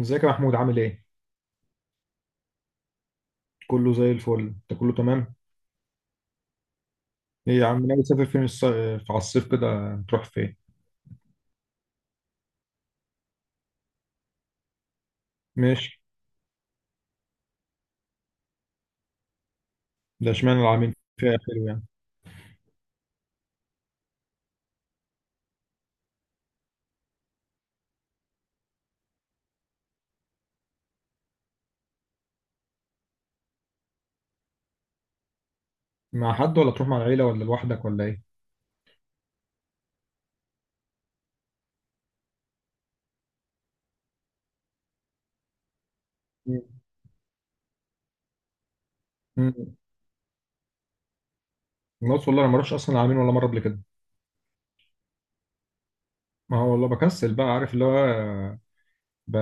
ازيك يا محمود عامل ايه؟ كله زي الفل، انت كله تمام؟ ايه يا عم ناوي تسافر فين في على الصيف كده تروح فين؟ ماشي، ده اشمعنى العامين فيها حلو يعني، مع حد ولا تروح مع العيلة ولا لوحدك ولا ايه؟ مم. مم. الناس والله انا ما اروحش اصلا العامين ولا مرة قبل كده، ما هو والله بكسل بقى عارف اللي هو ب...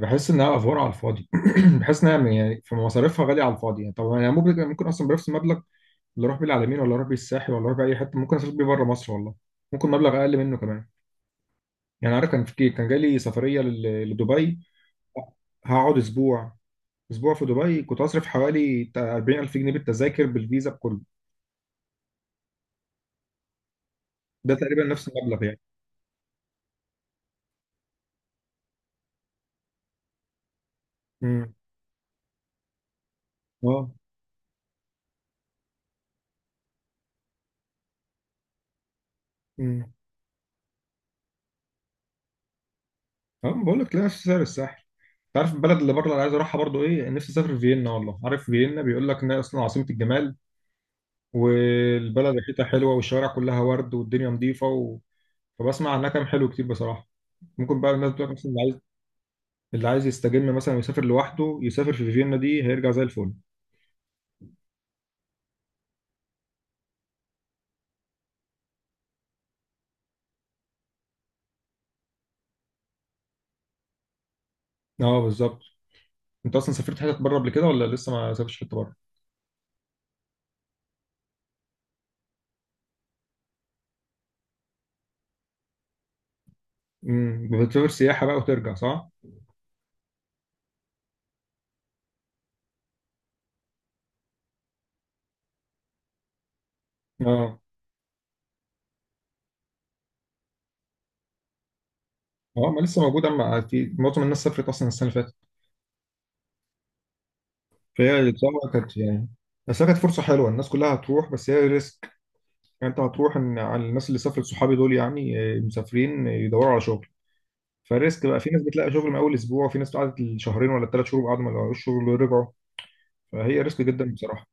بحس انها افوار على الفاضي، بحس انها يعني في مصاريفها غالية على الفاضي يعني، طب انا ممكن اصلا بنفس المبلغ اللي اروح بيه العلمين ولا اروح بيه الساحل ولا اروح بيه اي حته ممكن اسافر بيه بره مصر والله، ممكن مبلغ اقل منه كمان. يعني عارف كان في كان جالي سفريه لدبي. هقعد اسبوع في دبي كنت هصرف حوالي بتاع 40000 جنيه بالتذاكر بالفيزا بكله. ده تقريبا نفس المبلغ يعني. امم. اه. امم. اه، بقول لك تلاقي نفس سعر الساحل. انت عارف البلد اللي بره اللي عايز اروحها برضو ايه؟ نفسي اسافر فيينا والله، عارف فيينا بيقول لك انها اصلا عاصمه الجمال، والبلد ريحتها حلوه والشوارع كلها ورد والدنيا نظيفه فبسمع عنها كلام حلو كتير بصراحه. ممكن بقى الناس بتقول لك مثلا اللي عايز يستجم مثلا ويسافر لوحده يسافر في فيينا دي هيرجع زي الفل. اه، بالظبط. انت اصلا سافرت حتت بره قبل كده ولا لسه ما سافرتش حته بره؟ امم. بتسافر سياحه بقى وترجع صح؟ اه. اه، ما لسه موجوده اما في معظم الناس سافرت اصلا السنه اللي فاتت. فهي بصراحه كانت يعني، بس هي كانت فرصه حلوه الناس كلها هتروح بس هي ريسك. يعني انت هتروح ان على الناس اللي سافرت صحابي دول يعني مسافرين يدوروا على شغل. فريسك بقى، في ناس بتلاقي شغل من اول اسبوع وفي ناس قعدت شهرين ولا ثلاث شهور وقعدوا ما لقوش شغل ورجعوا. فهي ريسك جدا بصراحه.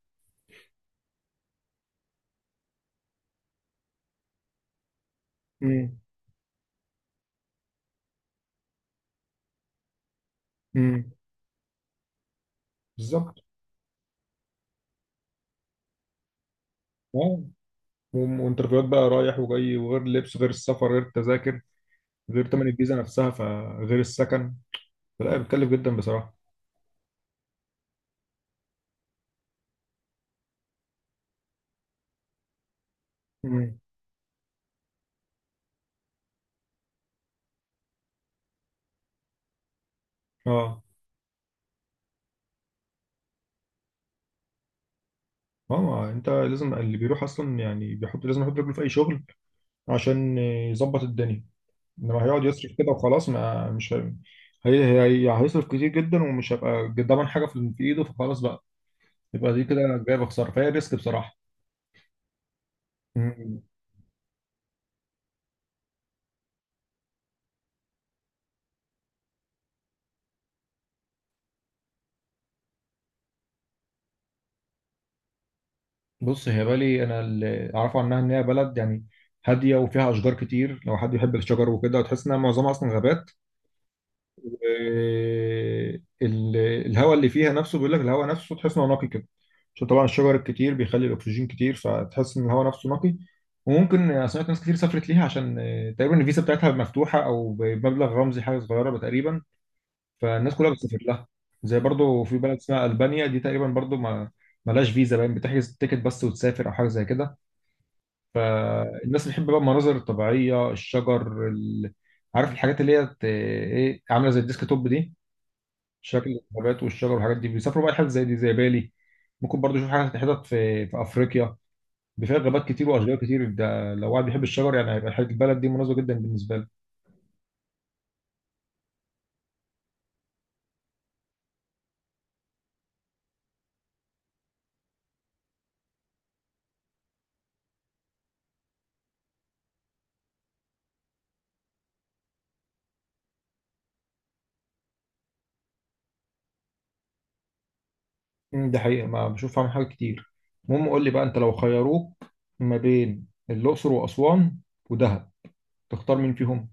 امم. امم. بالظبط. اه. وانترفيوهات بقى رايح وجاي، وغير اللبس غير السفر غير التذاكر غير تمن الفيزا نفسها فغير السكن. فلا بتكلف جدا بصراحة. مم. اه. اه، ما انت لازم اللي بيروح اصلا يعني بيحط لازم يحط رجله في اي شغل عشان يظبط الدنيا. انما هيقعد يصرف كده وخلاص ما مش هي... هيصرف كتير جدا ومش هيبقى ضامن حاجه في ايده فخلاص بقى. يبقى دي كده جايبه خساره فهي ريسك بصراحه. مم. بص هي بالي انا اللي اعرفه عنها ان هي بلد يعني هاديه وفيها اشجار كتير لو حد يحب الشجر وكده، وتحس انها معظمها اصلا غابات. والهواء اللي فيها نفسه بيقول لك الهواء نفسه تحس انه نقي كده، عشان طبعا الشجر الكتير بيخلي الاكسجين كتير فتحس ان الهواء نفسه نقي. وممكن أنا سمعت ناس كتير سافرت ليها عشان تقريبا الفيزا بتاعتها مفتوحه او بمبلغ رمزي حاجه صغيره تقريبا، فالناس كلها بتسافر لها. زي برضو في بلد اسمها البانيا دي تقريبا برضو ما ملهاش فيزا باين، بتحجز التيكت بس وتسافر او حاجه زي كده. الناس بتحب بقى المناظر الطبيعيه الشجر عارف الحاجات اللي هي ايه عامله زي الديسك توب دي، شكل الغابات والشجر والحاجات دي بيسافروا بقى حتت زي دي زي بالي. ممكن برضو يشوف حاجات حتت في افريقيا، دي فيها غابات كتير واشجار كتير، ده لو واحد بيحب الشجر يعني هيبقى حاجه البلد دي مناسبه جدا بالنسبه له. ده حقيقه ما بشوف فيها حاجات كتير. المهم قول لي بقى انت لو خيروك ما بين الاقصر واسوان ودهب تختار مين فيهم؟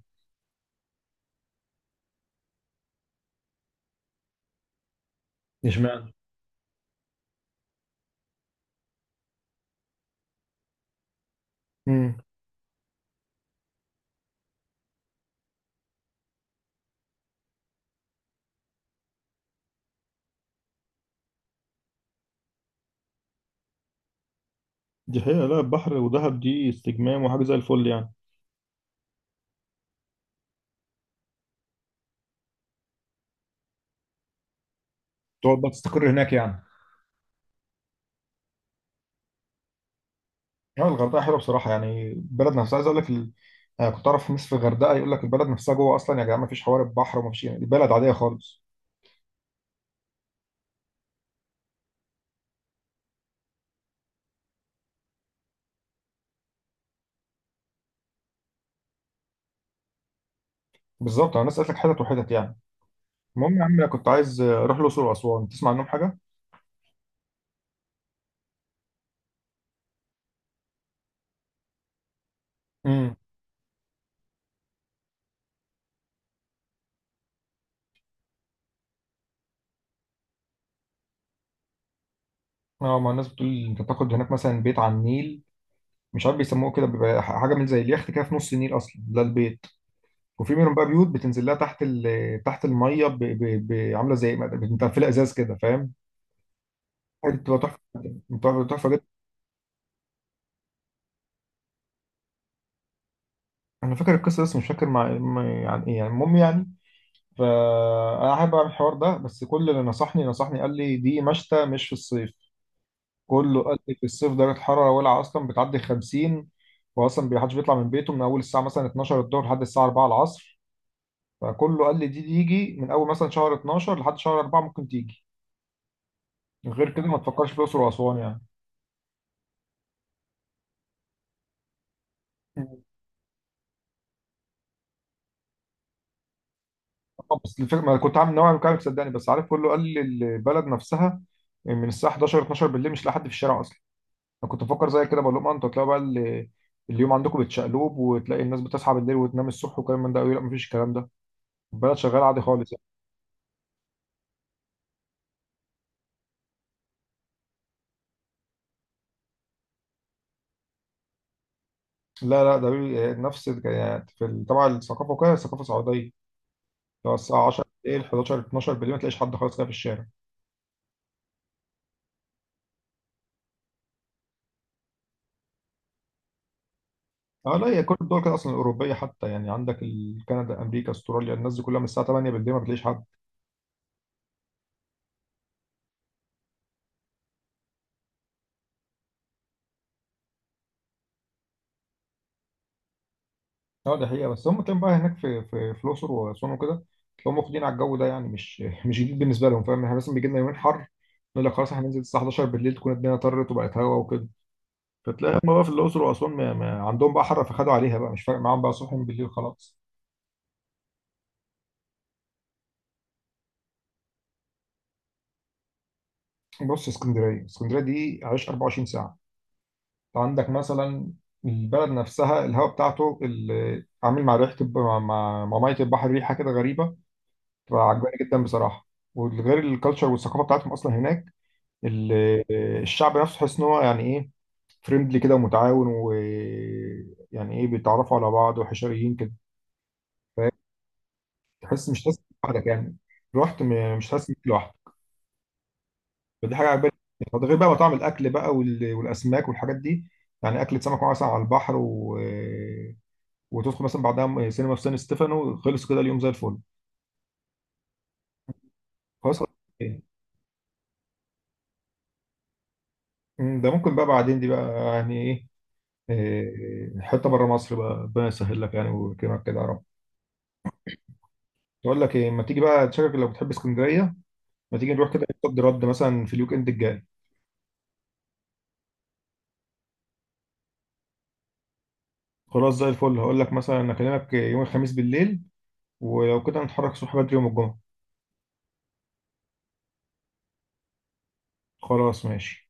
اشمعنى؟ امم. دي حقيقة، لا البحر ودهب دي استجمام وحاجة زي الفل يعني. تقعد بقى تستقر هناك يعني؟ اه، الغردقه حلوه بصراحه، يعني البلد نفسها عايز اقول لك انا كنت اعرف ناس في الغردقه يقول لك البلد نفسها جوه اصلا يا جماعه ما فيش حوار البحر وما فيش، البلد عاديه خالص. بالظبط، انا سالتك حتت وحتت يعني. المهم يا عم انا كنت عايز اروح الاقصر واسوان، تسمع عنهم حاجه؟ امم. اه، ما الناس بتقول لي انت تاخد هناك مثلا بيت على النيل، مش عارف بيسموه كده، بيبقى حاجه من زي اليخت كده في نص النيل اصلا ده البيت. وفي منهم بقى بيوت بتنزل لها تحت تحت الميه، عامله زي متقفله ازاز كده فاهم؟ بتبقى تحفه. بتبقى تحفه. انا فاكر القصه بس مش فاكر يعني ايه يعني المهم يعني. فانا احب اعمل الحوار ده، بس كل اللي نصحني قال لي دي مشتى مش في الصيف. كله قال لي في الصيف درجه الحراره ولعه اصلا بتعدي 50، واصلا ما حدش بيطلع من بيته من اول الساعه مثلا 12 الظهر لحد الساعه 4 العصر. فكله قال لي دي تيجي من اول مثلا شهر 12 لحد شهر 4 ممكن تيجي، غير كده ما تفكرش في الاقصر واسوان يعني. طب بس الفكره ما كنت عامل نوع من كده صدقني، بس عارف كله قال لي البلد نفسها من الساعه 11 12 بالليل مش لاقي حد في الشارع. انا كنت بفكر زي كده بقول لهم انتوا تلاقوا بقى اليوم عندكم بتشقلوب وتلاقي الناس بتصحى بالليل وتنام الصبح وكلام من ده قوي، لا مفيش الكلام ده، البلد شغاله عادي خالص يعني. لا لا، نفس يعني طبعا الثقافه وكده ثقافه سعوديه، لو الساعه 10 بالليل 11 12 بالليل ما تلاقيش حد خالص كده في الشارع. اه لا هي كل الدول كده اصلا الاوروبيه حتى، يعني عندك كندا امريكا استراليا الناس دي كلها من الساعه 8 بالليل ما بتلاقيش حد. اه دي حقيقة، بس هم كانوا بقى هناك في الأقصر وأسوان وكده، هم واخدين على الجو ده يعني مش جديد بالنسبة لهم فاهم؟ احنا مثلا بيجي لنا يومين حر نقول لك خلاص احنا هننزل الساعة 11 بالليل تكون الدنيا طرت وبقت هوا وكده. فتلاقي هم بقى في الأقصر وأسوان ما عندهم بقى حر فخدوا عليها بقى، مش فارق معاهم بقى صبح من بالليل خلاص. بص، اسكندرية، اسكندرية دي عايش 24 ساعة. انت عندك مثلا البلد نفسها الهواء بتاعته اللي عامل مع ريحة مع مية البحر، ريحة كده غريبة تبقى عجباني جدا بصراحة. وغير الكالتشر والثقافة بتاعتهم أصلا هناك، ال- الشعب نفسه تحس ان هو يعني ايه فريندلي كده ومتعاون، ويعني ايه بيتعرفوا على بعض وحشريين كده. تحس مش حاسس لوحدك يعني، رحت مش حاسس بيك لوحدك. فدي حاجه عجباني. ده غير بقى مطاعم الاكل بقى والاسماك والحاجات دي، يعني اكله سمك مثلا على البحر وتدخل مثلا بعدها سينما في سان ستيفانو خلص كده اليوم زي الفل. خلاص. إيه. ده ممكن بقى بعدين، دي بقى يعني ايه، إيه، حته بره مصر بقى ربنا يسهل لك يعني ويكرمك كده يا رب. بقول لك ايه، ما تيجي بقى شكلك لو بتحب اسكندريه، ما تيجي نروح كده صد رد مثلا في الويك اند الجاي. خلاص زي الفل، هقول لك مثلا اكلمك يوم الخميس بالليل، ولو كده نتحرك الصبح بدري يوم الجمعه. خلاص ماشي